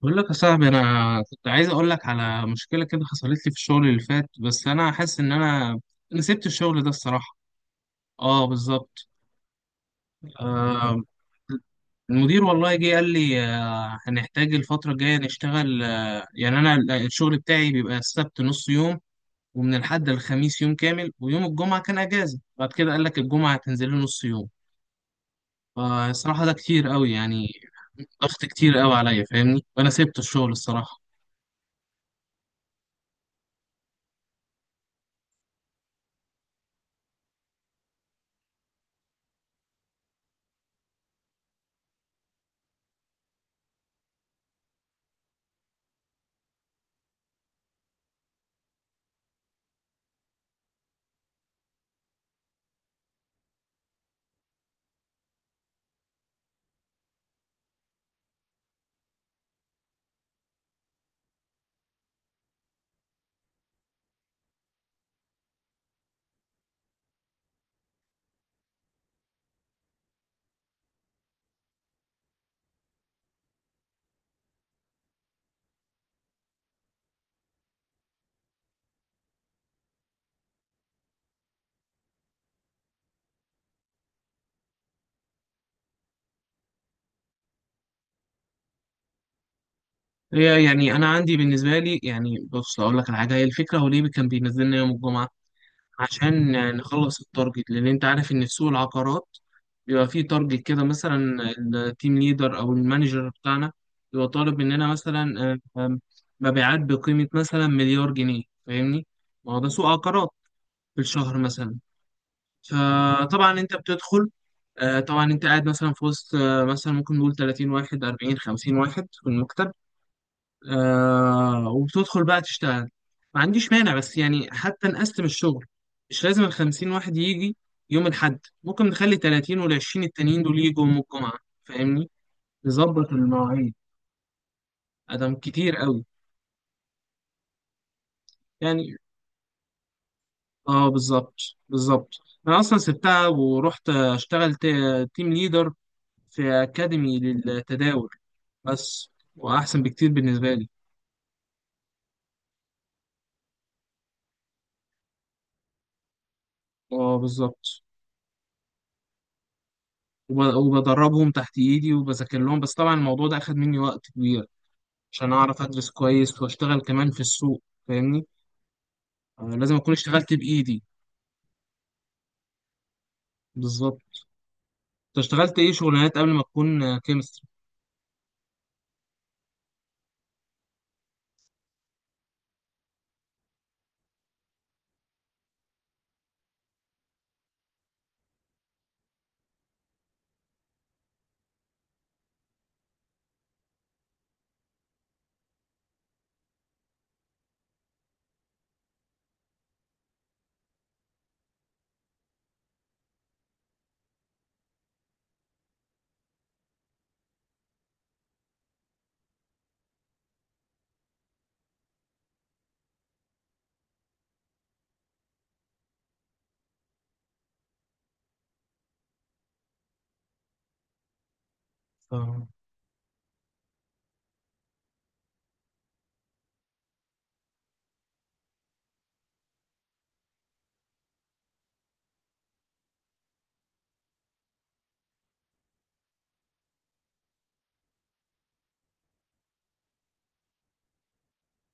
بقول لك يا صاحبي، انا كنت عايز اقول لك على مشكله كده حصلت لي في الشغل اللي فات. بس انا حاسس ان انا سبت الشغل ده الصراحه. اه بالظبط. آه. المدير والله جه قال لي هنحتاج الفتره الجايه نشتغل. آه يعني انا ال- آه، الشغل بتاعي بيبقى السبت نص يوم، ومن الحد الخميس يوم كامل، ويوم الجمعه كان اجازه. بعد كده قال لك الجمعه هتنزل له نص يوم. فالصراحه ده كتير قوي يعني، ضغط كتير قوي عليا، فاهمني؟ فانا سبت الشغل الصراحه. هي يعني انا عندي بالنسبه لي، يعني بص اقول لك على حاجه، هي الفكره هو ليه كان بينزلنا يوم الجمعه؟ عشان نخلص التارجت. لان انت عارف ان في سوق العقارات بيبقى فيه تارجت كده. مثلا التيم ليدر او المانجر بتاعنا بيبقى طالب مننا مثلا آه، آم، مبيعات بقيمه مثلا مليار جنيه، فاهمني؟ ما هو ده سوق عقارات، في الشهر مثلا. فطبعا انت بتدخل طبعا انت قاعد مثلا في وسط، مثلا ممكن نقول 30 واحد، 40، 50 واحد في المكتب. وبتدخل بقى تشتغل. ما عنديش مانع، بس يعني حتى نقسم الشغل، مش لازم الخمسين واحد يجي يوم الحد. ممكن نخلي تلاتين والعشرين التانيين دول يجوا يوم الجمعة، فاهمني؟ نظبط المواعيد. أدم كتير قوي يعني. اه بالظبط. بالظبط. أنا أصلا سبتها ورحت أشتغل تيم ليدر في أكاديمي للتداول بس، وأحسن بكتير بالنسبة لي. اه بالظبط. وبدربهم تحت ايدي وبذاكر لهم. بس طبعا الموضوع ده اخد مني وقت عشان أعرف أدرس كويس وأشتغل كمان في السوق، فاهمني؟ لازم أكون اشتغلت بإيدي. بالظبط. أنت اشتغلت إيه شغلانات قبل ما تكون كيمستري؟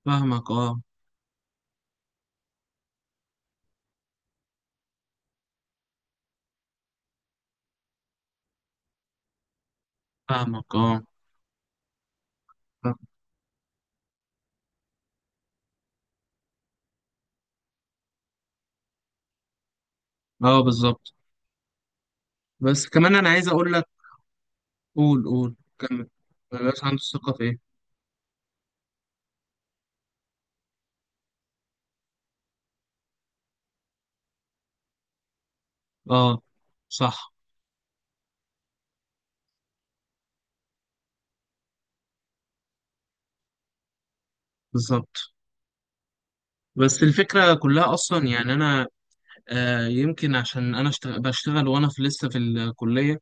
فاهمك أه. فاهمك أه. فاهم- أه بالظبط. بس كمان أنا عايز أقول لك. قول قول كمل. مبقاش عنده الثقة في إيه؟ أه. صح. بالظبط. بس الفكرة كلها أصلا، يعني أنا يمكن عشان بشتغل وأنا في لسه في الكلية،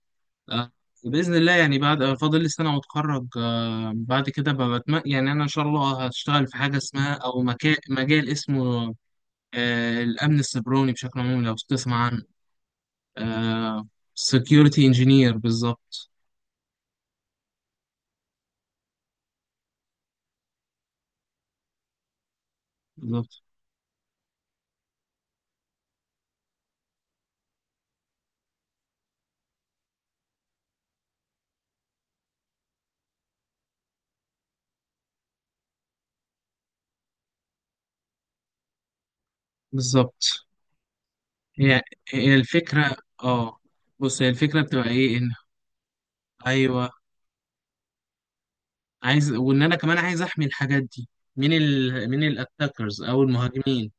آه، بإذن الله، يعني بعد فاضل لي سنة وأتخرج. بعد كده بتم... يعني أنا إن شاء الله هشتغل في حاجة اسمها، أو مكا... مجال اسمه الأمن السيبراني بشكل عام، لو تسمع عنه. آه، security engineer بالظبط. بالظبط. بالظبط. هي هي الفكرة. اه بص، هي الفكرة بتبقى إيه؟ إن، أيوه، عايز، وإن أنا كمان عايز أحمي الحاجات دي من ال من الأتاكرز أو المهاجمين.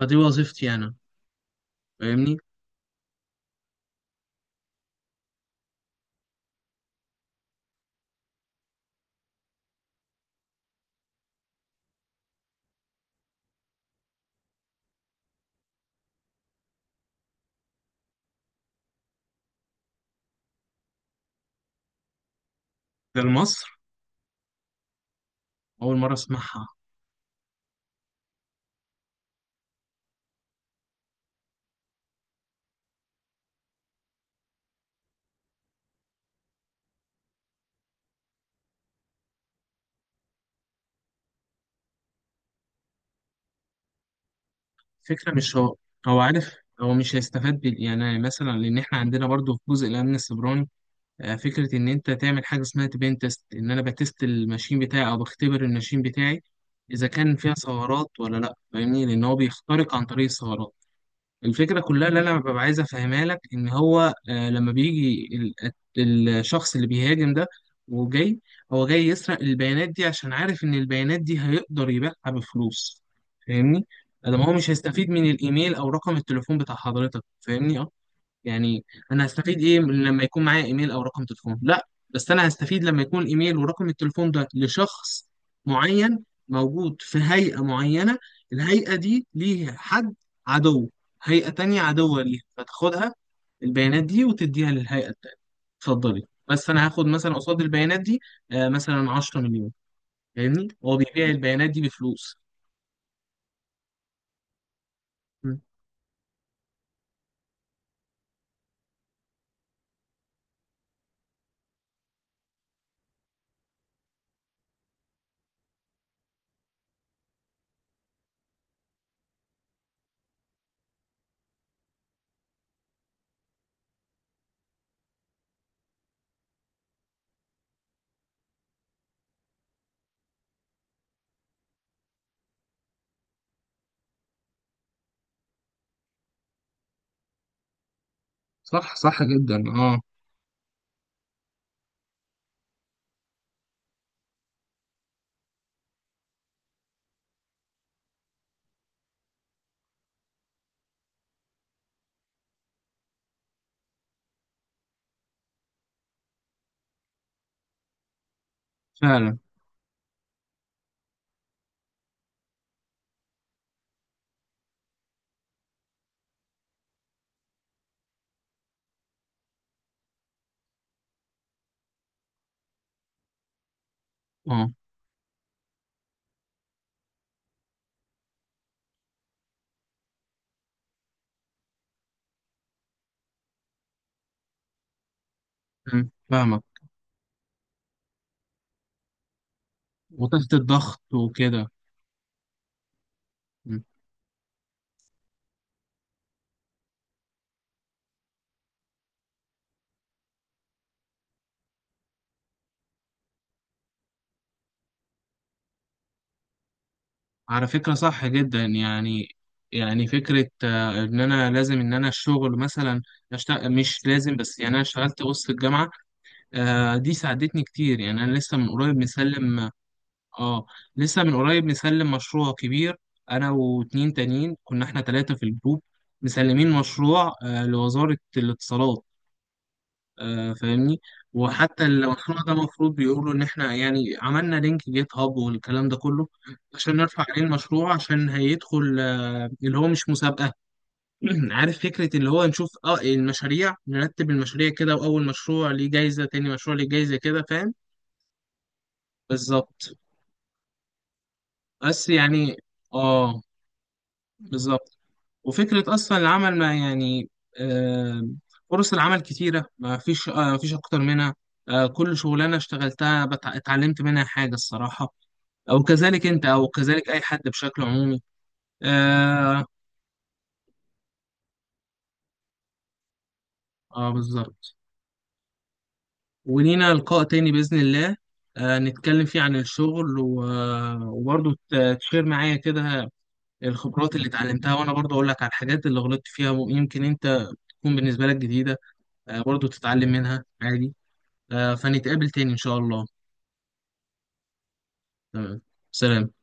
فدي وظيفتي أنا، فاهمني؟ ده لمصر؟ أول مرة أسمعها. فكرة مش هو. هو عارف. هو مش هيستفاد بال... يعني مثلا لان احنا عندنا برضو في جزء الامن السيبراني فكرة ان انت تعمل حاجة اسمها تبين تيست، ان انا بتست الماشين بتاعي او بختبر الماشين بتاعي اذا كان فيها ثغرات ولا لا، فاهمني؟ لان هو بيخترق عن طريق الثغرات. الفكرة كلها اللي أنا ببقى عايز أفهمها لك إن هو لما بيجي الشخص اللي بيهاجم ده وجاي، هو جاي يسرق البيانات دي عشان عارف إن البيانات دي هيقدر يبيعها بفلوس، فاهمني؟ ده ما هو مش هيستفيد من الإيميل أو رقم التليفون بتاع حضرتك، فاهمني؟ آه. يعني انا هستفيد ايه من لما يكون معايا ايميل او رقم تليفون؟ لا، بس انا هستفيد لما يكون الايميل ورقم التليفون ده لشخص معين موجود في هيئة معينة، الهيئة دي ليها حد عدو، هيئة تانية عدوة ليها، فتاخدها البيانات دي وتديها للهيئة التانية. اتفضلي، بس انا هاخد مثلا قصاد البيانات دي مثلا 10 مليون. فاهمني؟ هو بيبيع البيانات دي بفلوس. مم. صح جدا اه. فعلا اه. مم. فاهمك. وتحت الضغط وكده. على فكرة صح جدا يعني. يعني فكرة إن أنا لازم إن أنا الشغل مثلا أشتغل، مش لازم، بس يعني أنا اشتغلت وسط الجامعة، دي ساعدتني كتير. يعني أنا لسه من قريب مسلم. آه لسه من قريب مسلم مشروع كبير. أنا واتنين تانيين كنا إحنا تلاتة في الجروب، مسلمين مشروع لوزارة الاتصالات، فاهمني؟ وحتى المشروع ده المفروض بيقولوا ان احنا يعني عملنا لينك جيت هاب والكلام ده كله عشان نرفع عليه المشروع، عشان هيدخل اللي هو مش مسابقة عارف، فكرة اللي هو نشوف اه المشاريع، نرتب المشاريع كده، واول مشروع ليه جايزة، تاني مشروع ليه جايزة كده، فاهم؟ بالظبط. بس يعني اه بالظبط. وفكرة أصلا العمل ما يعني، آه، فرص العمل كتيرة، ما فيش ما فيش أكتر منها. كل شغلانة اشتغلتها اتعلمت منها حاجة الصراحة، أو كذلك أنت، أو كذلك أي حد بشكل عمومي. آه. آه بالظبط. ولينا لقاء تاني بإذن الله، آه نتكلم فيه عن الشغل وبرضه تشير معايا كده الخبرات اللي اتعلمتها، وأنا برضه أقول لك على الحاجات اللي غلطت فيها، ويمكن أنت تكون بالنسبة لك جديدة، آه برضه تتعلم منها عادي. فنتقابل تاني إن شاء الله. تمام. سلام.